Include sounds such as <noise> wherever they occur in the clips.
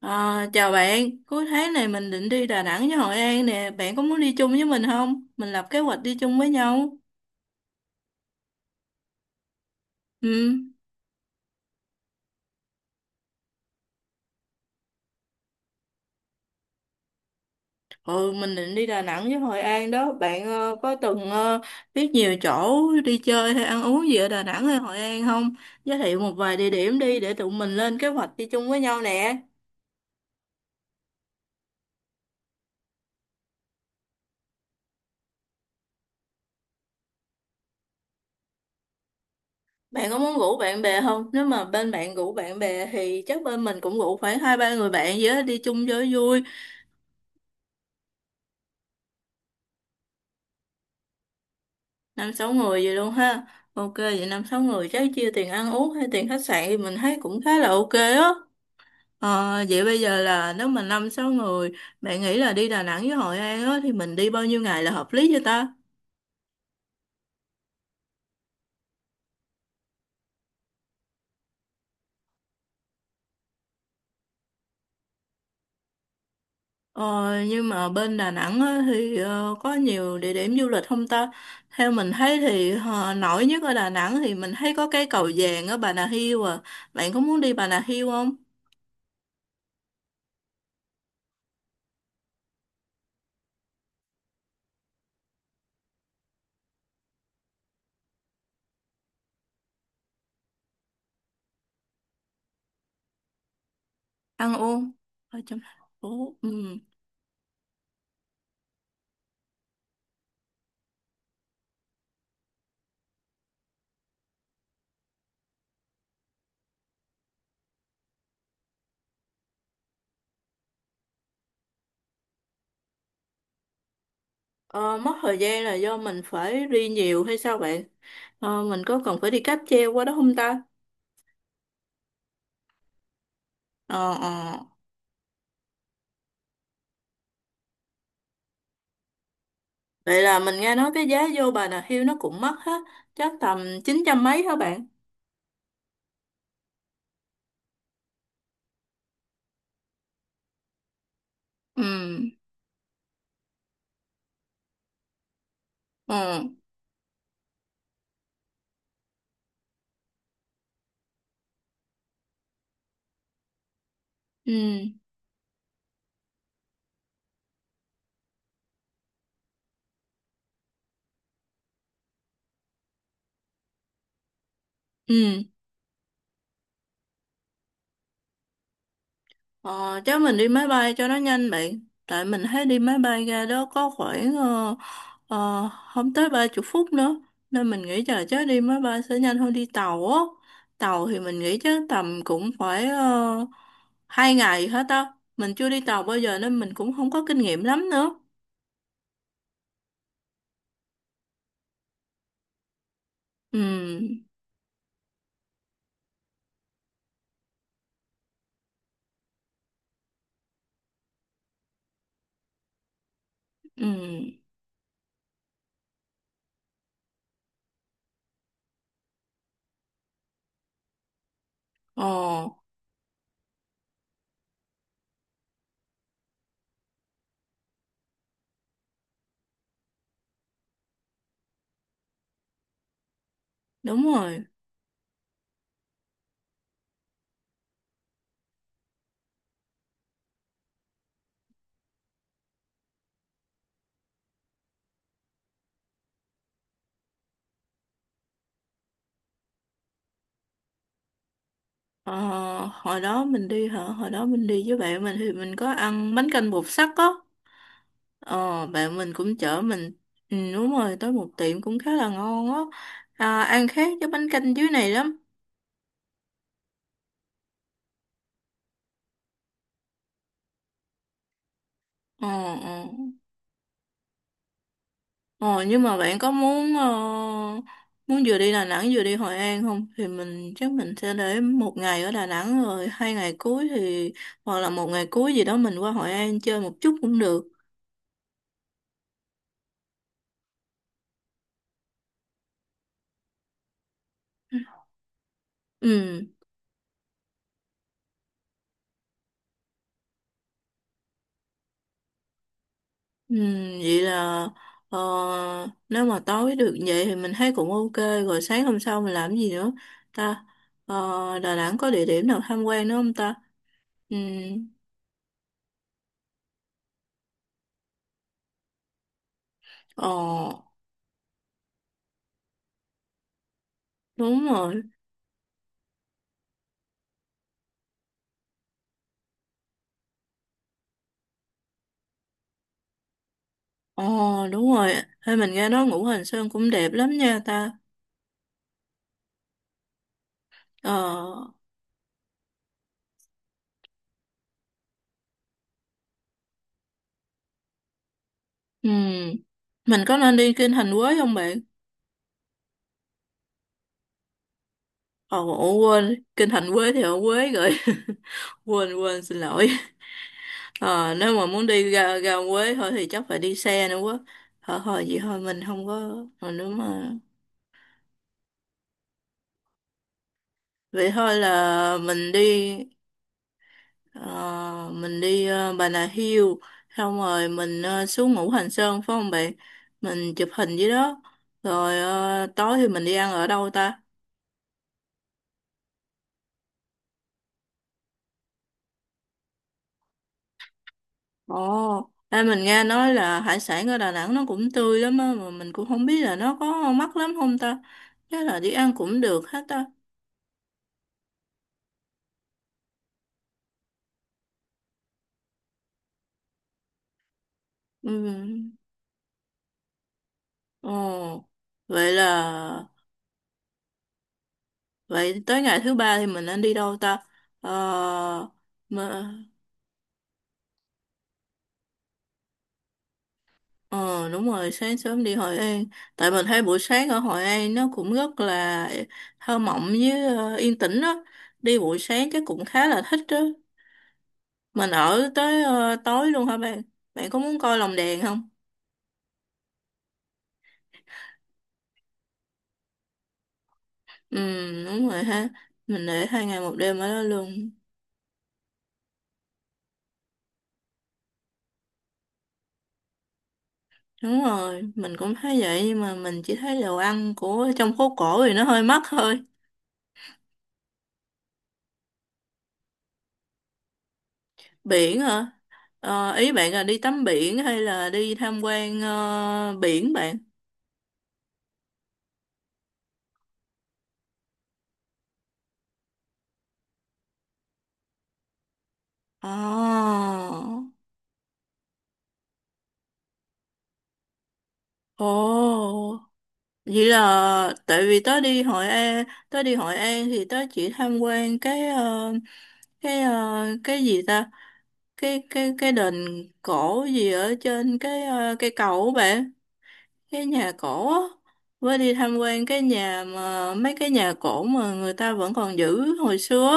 À, chào bạn, cuối tháng này mình định đi Đà Nẵng với Hội An nè, bạn có muốn đi chung với mình không? Mình lập kế hoạch đi chung với nhau. Ừ, ừ mình định đi Đà Nẵng với Hội An đó, bạn có từng biết nhiều chỗ đi chơi hay ăn uống gì ở Đà Nẵng hay Hội An không? Giới thiệu một vài địa điểm đi để tụi mình lên kế hoạch đi chung với nhau nè. Bạn có muốn rủ bạn bè không? Nếu mà bên bạn rủ bạn bè thì chắc bên mình cũng rủ khoảng hai ba người bạn gì đó đi chung cho vui. Năm sáu người vậy luôn ha. Ok vậy năm sáu người chắc chia tiền ăn uống hay tiền khách sạn thì mình thấy cũng khá là ok á. Vậy bây giờ là nếu mà năm sáu người bạn nghĩ là đi Đà Nẵng với Hội An á thì mình đi bao nhiêu ngày là hợp lý cho ta? Ờ, nhưng mà bên Đà Nẵng á thì có nhiều địa điểm du lịch không ta? Theo mình thấy thì nổi nhất ở Đà Nẵng thì mình thấy có cái cầu vàng ở Bà Nà Hills à. Bạn có muốn đi Bà Nà Hills không? Ăn uống ở trong thành phố. Ừ. Ờ, mất thời gian là do mình phải đi nhiều hay sao bạn? Ờ, mình có cần phải đi cáp treo qua đó không ta? Ờ, ờ. Vậy là mình nghe nói cái giá vô Bà Nà Hills nó cũng mắc hết, chắc tầm 900 mấy hả bạn? Ừ, ừ, ừ, ừ. Ờ, chắc mình đi máy bay cho nó nhanh bạn. Tại mình thấy đi máy bay ra đó có khoảng ờ, không tới 30 phút nữa. Nên mình nghĩ là chắc đi máy bay sẽ nhanh hơn đi tàu á. Tàu thì mình nghĩ chắc tầm cũng phải 2 ngày hết á. Mình chưa đi tàu bao giờ nên mình cũng không có kinh nghiệm lắm nữa. Ừ, ừ, ờ, đúng rồi. Ờ, hồi đó mình đi hả? Hồi đó mình đi với bạn mình thì mình có ăn bánh canh bột sắt á. Ờ, bạn mình cũng chở mình. Ừ, đúng rồi tới một tiệm cũng khá là ngon á. À, ăn khác với bánh canh dưới này lắm. Ờ, ờ. Ờ nhưng mà bạn có muốn ờ, muốn vừa đi Đà Nẵng vừa đi Hội An không thì mình chắc mình sẽ để một ngày ở Đà Nẵng rồi hai ngày cuối thì hoặc là một ngày cuối gì đó mình qua Hội An chơi một chút cũng được. Ừ. Ừ, vậy là ờ, nếu mà tối được vậy thì mình thấy cũng ok. Rồi sáng hôm sau mình làm gì nữa ta? Ờ, Đà Nẵng có địa điểm nào tham quan nữa không ta? Ừ, ờ, đúng rồi. Ờ, đúng rồi. Hay mình nghe nói Ngũ Hành Sơn cũng đẹp lắm nha ta. Ờ, ừ, mình có nên đi Kinh Thành Quế không bạn? Ồ, ủa, quên Kinh Thành Quế thì ở Quế rồi. <laughs> Quên, quên, xin lỗi. Ờ, nếu mà muốn đi ra Huế thôi thì chắc phải đi xe nữa quá. Thôi thôi vậy thôi mình không có. Mà nếu mà vậy thôi là mình đi Bà Nà Hills xong rồi mình xuống Ngũ Hành Sơn phải không bạn? Mình chụp hình dưới đó. Rồi tối thì mình đi ăn ở đâu ta? Ồ, đây mình nghe nói là hải sản ở Đà Nẵng nó cũng tươi lắm á mà mình cũng không biết là nó có mắc lắm không ta. Chắc là đi ăn cũng được hết ta. Ừ. Ồ, vậy là vậy tới ngày thứ ba thì mình nên đi đâu ta? Ờ, mà, ờ đúng rồi, sáng sớm đi Hội An. Tại mình thấy buổi sáng ở Hội An nó cũng rất là thơ mộng với yên tĩnh đó. Đi buổi sáng chắc cũng khá là thích đó. Mình ở tới tối luôn hả bạn? Bạn có muốn coi lồng đèn không? Ừ, đúng rồi ha. Mình để 2 ngày 1 đêm ở đó luôn. Đúng rồi, mình cũng thấy vậy nhưng mà mình chỉ thấy đồ ăn của trong phố cổ thì nó hơi mắc thôi. Biển hả? Ờ, ý bạn là đi tắm biển hay là đi tham quan biển bạn? Ồ, ồ, vậy là tại vì tớ đi Hội An thì tớ chỉ tham quan cái gì ta? Cái đền cổ gì ở trên cái cây cầu á bạn. Cái nhà cổ á với đi tham quan cái nhà mà mấy cái nhà cổ mà người ta vẫn còn giữ hồi xưa á,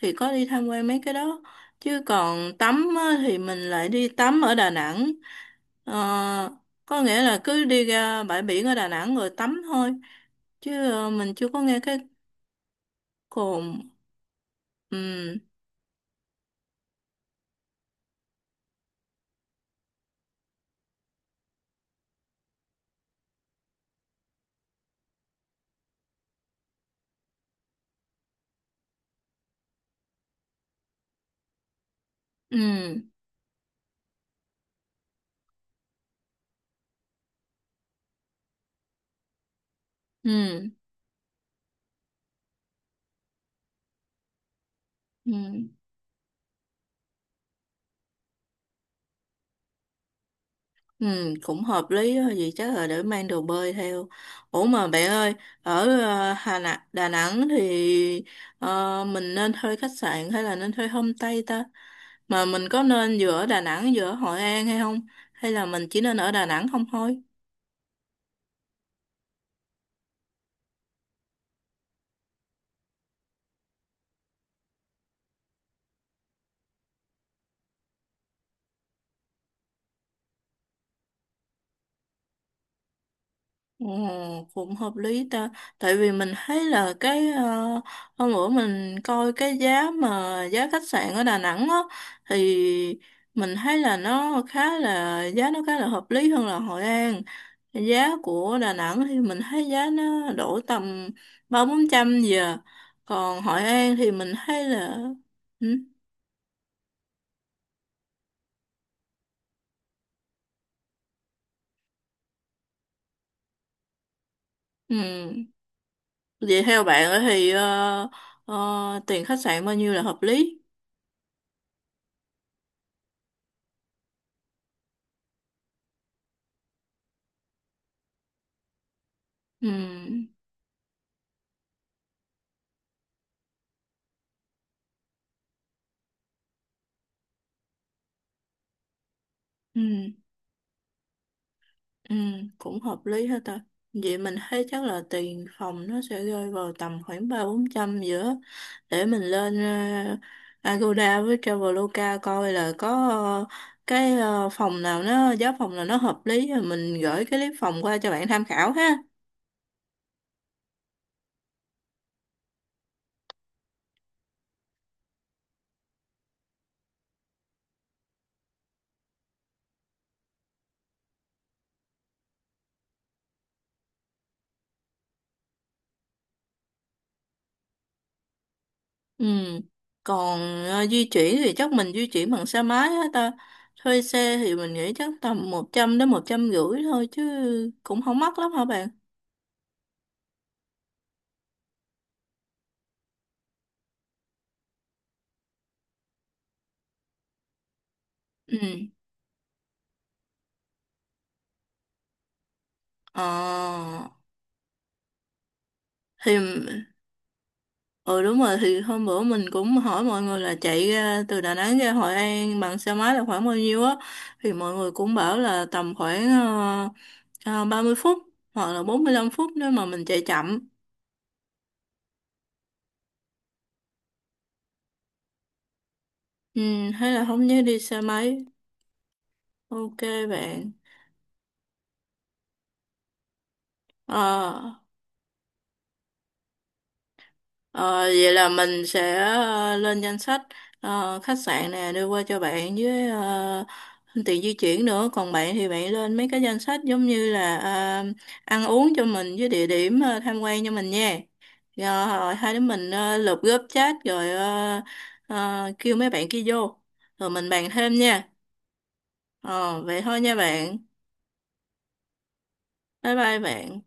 thì có đi tham quan mấy cái đó chứ còn tắm á, thì mình lại đi tắm ở Đà Nẵng. Ờ, có nghĩa là cứ đi ra bãi biển ở Đà Nẵng rồi tắm thôi chứ mình chưa có nghe cái cồn. Ừ. Ừ. Ừ. Ừ. Ừ, cũng hợp lý đó, vậy chắc là để mang đồ bơi theo. Ủa mà bạn ơi, ở Đà Nẵng thì mình nên thuê khách sạn hay là nên thuê homestay ta? Mà mình có nên vừa ở Đà Nẵng vừa ở Hội An hay không? Hay là mình chỉ nên ở Đà Nẵng không thôi? Ồ, cũng hợp lý ta. Tại vì mình thấy là hôm bữa mình coi cái giá mà giá khách sạn ở Đà Nẵng á thì mình thấy là nó khá là hợp lý hơn là Hội An. Giá của Đà Nẵng thì mình thấy giá nó đổ tầm ba bốn trăm giờ. Còn Hội An thì mình thấy là. Ừ. Ừ. Vậy theo bạn á thì ờ, tiền khách sạn bao nhiêu là hợp lý? Ừ. Ừ. Ừ, cũng hợp lý hết ta. Vậy mình thấy chắc là tiền phòng nó sẽ rơi vào tầm khoảng ba bốn trăm giữa để mình lên Agoda với Traveloka coi là có phòng nào nó hợp lý rồi mình gửi cái clip phòng qua cho bạn tham khảo ha. Ừ. Còn di chuyển thì chắc mình di chuyển bằng xe máy hết ta. Thuê xe thì mình nghĩ chắc tầm một trăm đến một trăm rưỡi thôi chứ cũng không mắc lắm hả bạn? Ừ. Ờ thì. Ừ đúng rồi thì hôm bữa mình cũng hỏi mọi người là chạy ra từ Đà Nẵng ra Hội An bằng xe máy là khoảng bao nhiêu á thì mọi người cũng bảo là tầm khoảng 30 phút hoặc là 45 phút nếu mà mình chạy chậm. Ừ, hay là không nhớ đi xe máy. Ok bạn. Ờ. Ờ, vậy là mình sẽ lên danh sách khách sạn nè đưa qua cho bạn với tiền di chuyển nữa. Còn bạn thì bạn lên mấy cái danh sách giống như là ăn uống cho mình với địa điểm tham quan cho mình nha. Rồi hai đứa mình lập group chat rồi kêu mấy bạn kia vô. Rồi mình bàn thêm nha. Ờ, vậy thôi nha bạn. Bye bye bạn.